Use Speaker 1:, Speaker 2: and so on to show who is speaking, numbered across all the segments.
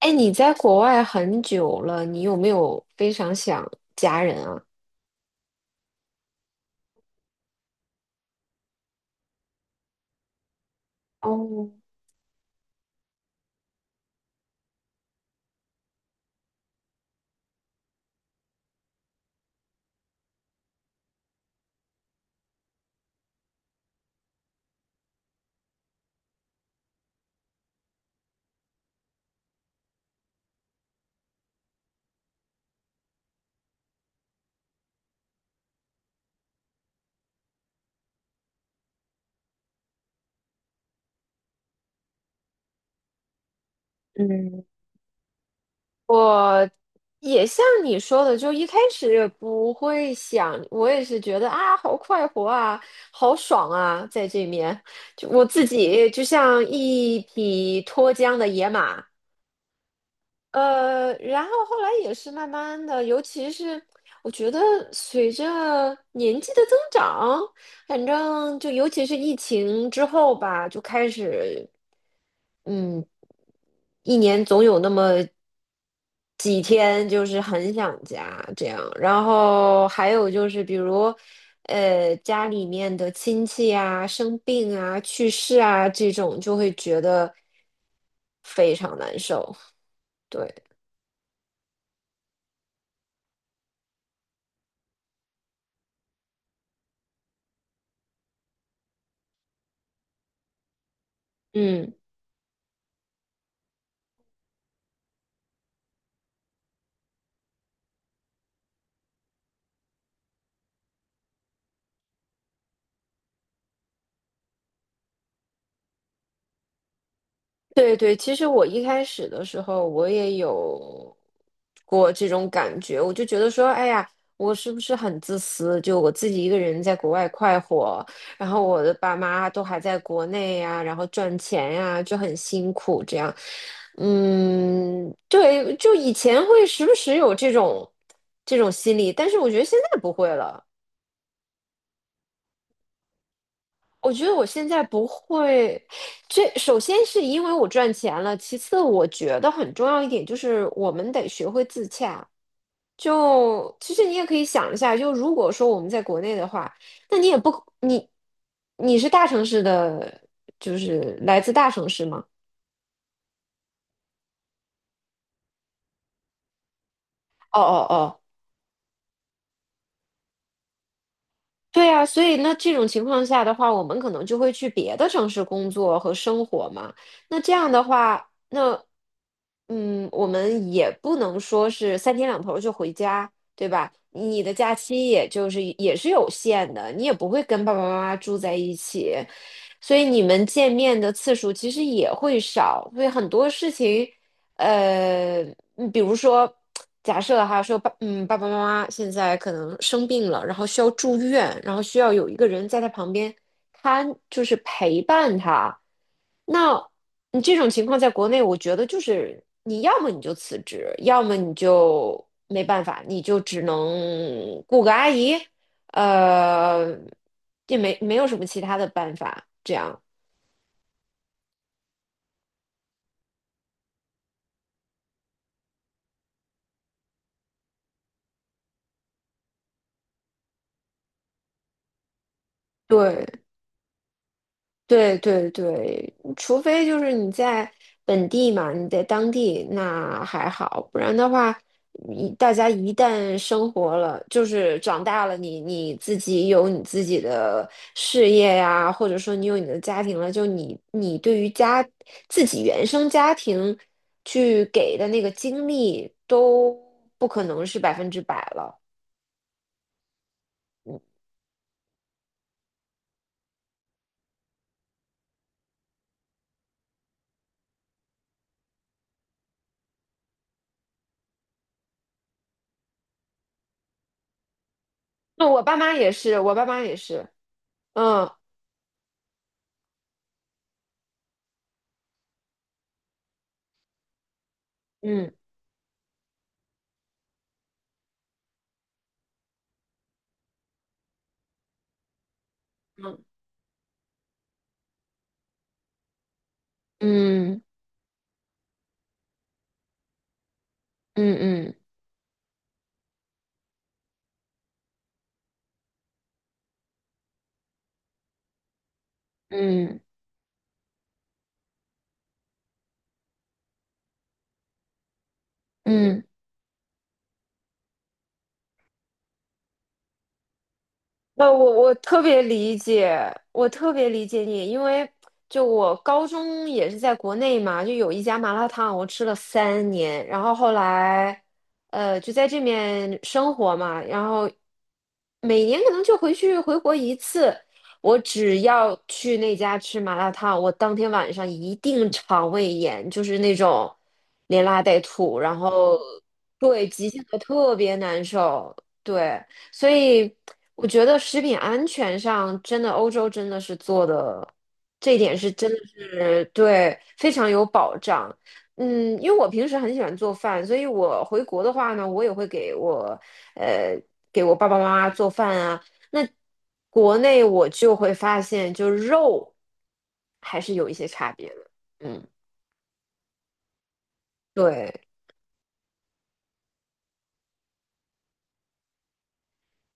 Speaker 1: 哎，你在国外很久了，你有没有非常想家人啊？哦，嗯，也像你说的，就一开始也不会想，我也是觉得啊，好快活啊，好爽啊，在这面，就我自己就像一匹脱缰的野马，然后后来也是慢慢的，尤其是我觉得随着年纪的增长，反正就尤其是疫情之后吧，就开始。嗯，一年总有那么几天就是很想家这样，然后还有就是比如，家里面的亲戚啊、生病啊、去世啊这种，就会觉得非常难受。对，嗯。对对，其实我一开始的时候，我也有过这种感觉，我就觉得说，哎呀，我是不是很自私？就我自己一个人在国外快活，然后我的爸妈都还在国内呀，然后赚钱呀，就很辛苦这样。嗯，对，就以前会时不时有这种心理，但是我觉得现在不会了。我觉得我现在不会，这首先是因为我赚钱了，其次我觉得很重要一点就是我们得学会自洽。就其实你也可以想一下，就如果说我们在国内的话，那你也不你你是大城市的，就是来自大城市吗？哦哦哦。对啊，所以那这种情况下的话，我们可能就会去别的城市工作和生活嘛。那这样的话，那嗯，我们也不能说是三天两头儿就回家，对吧？你的假期也就是也是有限的，你也不会跟爸爸妈妈住在一起，所以你们见面的次数其实也会少，所以很多事情。呃，比如说，假设哈，说爸，嗯，爸爸妈妈现在可能生病了，然后需要住院，然后需要有一个人在他旁边看，就是陪伴他。那你这种情况在国内，我觉得就是你要么你就辞职，要么你就没办法，你就只能雇个阿姨，呃，也没有什么其他的办法，这样。对对对对，除非就是你在本地嘛，你在当地那还好，不然的话，一大家一旦生活了，就是长大了你，你自己有你自己的事业呀，或者说你有你的家庭了，就你对于家自己原生家庭去给的那个精力都不可能是百分之百了。嗯那我爸妈也是，我爸妈也是，嗯嗯嗯嗯嗯嗯。嗯嗯嗯，我特别理解，我特别理解你，因为就我高中也是在国内嘛，就有一家麻辣烫，我吃了三年，然后后来，就在这面生活嘛，然后每年可能就回去回国一次，我只要去那家吃麻辣烫，我当天晚上一定肠胃炎，就是那种连拉带吐，然后对，急性的特别难受，对。所以我觉得食品安全上，真的欧洲真的是做的，这一点是真的是对非常有保障。嗯，因为我平时很喜欢做饭，所以我回国的话呢，我也会给我呃给我爸爸妈妈做饭啊。那国内我就会发现，就肉还是有一些差别的。嗯，对。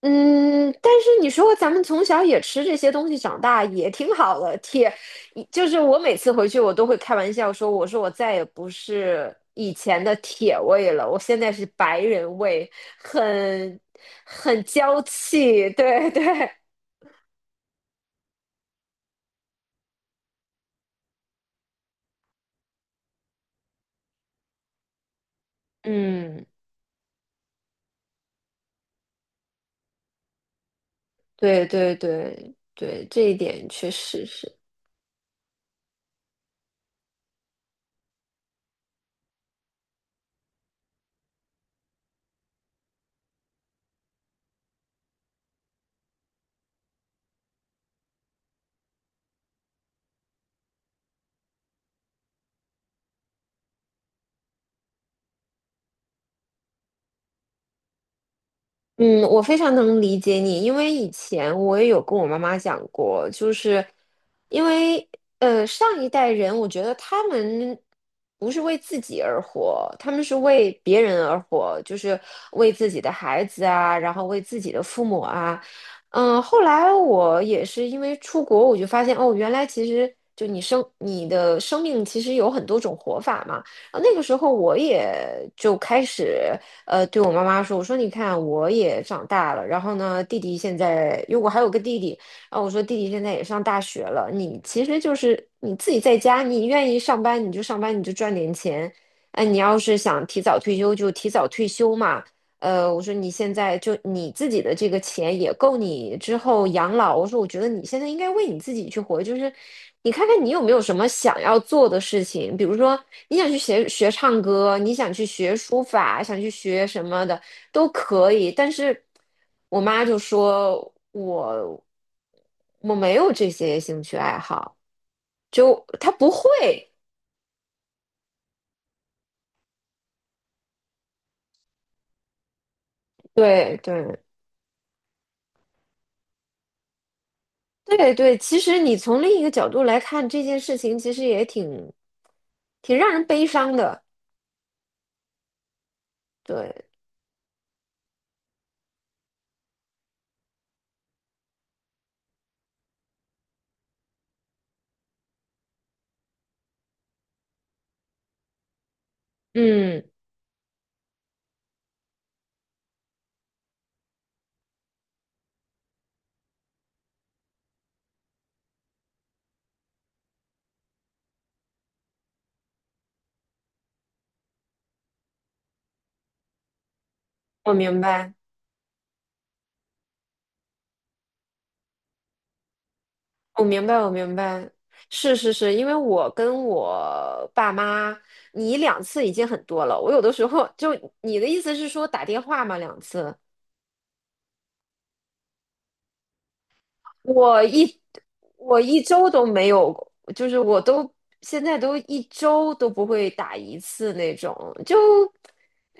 Speaker 1: 嗯，但是你说咱们从小也吃这些东西长大，也挺好的。铁，就是我每次回去，我都会开玩笑说，我说我再也不是以前的铁胃了，我现在是白人胃，很很娇气。对对，嗯，对对对对，这一点确实是。嗯，我非常能理解你，因为以前我也有跟我妈妈讲过，就是因为上一代人，我觉得他们不是为自己而活，他们是为别人而活，就是为自己的孩子啊，然后为自己的父母啊。嗯，后来我也是因为出国，我就发现哦，原来其实就你生你的生命其实有很多种活法嘛。啊，那个时候我也就开始。对我妈妈说，我说你看我也长大了，然后呢，弟弟现在，因为我还有个弟弟，然后我说弟弟现在也上大学了，你其实就是你自己在家，你愿意上班你就上班，你就赚点钱，哎，你要是想提早退休就提早退休嘛，我说你现在就你自己的这个钱也够你之后养老。我说，我觉得你现在应该为你自己去活，就是你看看你有没有什么想要做的事情，比如说你想去学学唱歌，你想去学书法，想去学什么的都可以。但是我妈就说我没有这些兴趣爱好，就她不会。对对。对对，其实你从另一个角度来看这件事情，其实也挺让人悲伤的。对，嗯，我明白，我明白，我明白。是是是，因为我跟我爸妈，你两次已经很多了。我有的时候就你的意思是说打电话嘛，两次。我一我一周都没有，就是我都现在都一周都不会打一次那种，就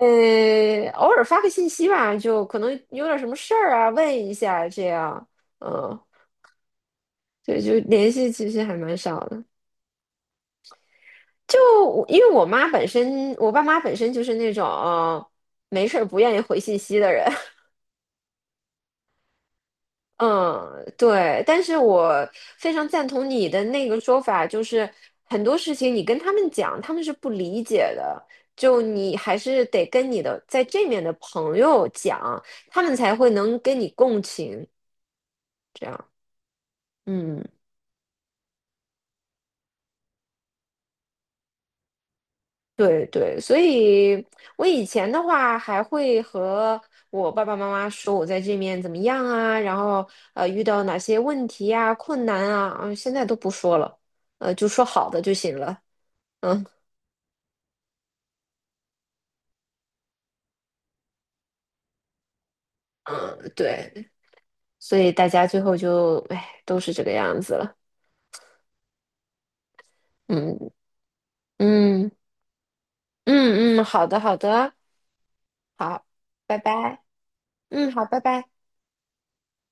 Speaker 1: 偶尔发个信息吧，就可能有点什么事儿啊，问一下这样，嗯，对，就联系其实还蛮少的。就我因为我妈本身，我爸妈本身就是那种，没事儿不愿意回信息的人，嗯，对，但是我非常赞同你的那个说法，就是很多事情你跟他们讲，他们是不理解的，就你还是得跟你的在这面的朋友讲，他们才会能跟你共情，这样，嗯，对对，所以我以前的话还会和我爸爸妈妈说我在这面怎么样啊，然后遇到哪些问题呀、困难啊，嗯，现在都不说了，就说好的就行了。嗯。嗯，对，所以大家最后就，哎，都是这个样子了。嗯嗯嗯嗯，好的好的，好，拜拜。嗯，好，拜拜。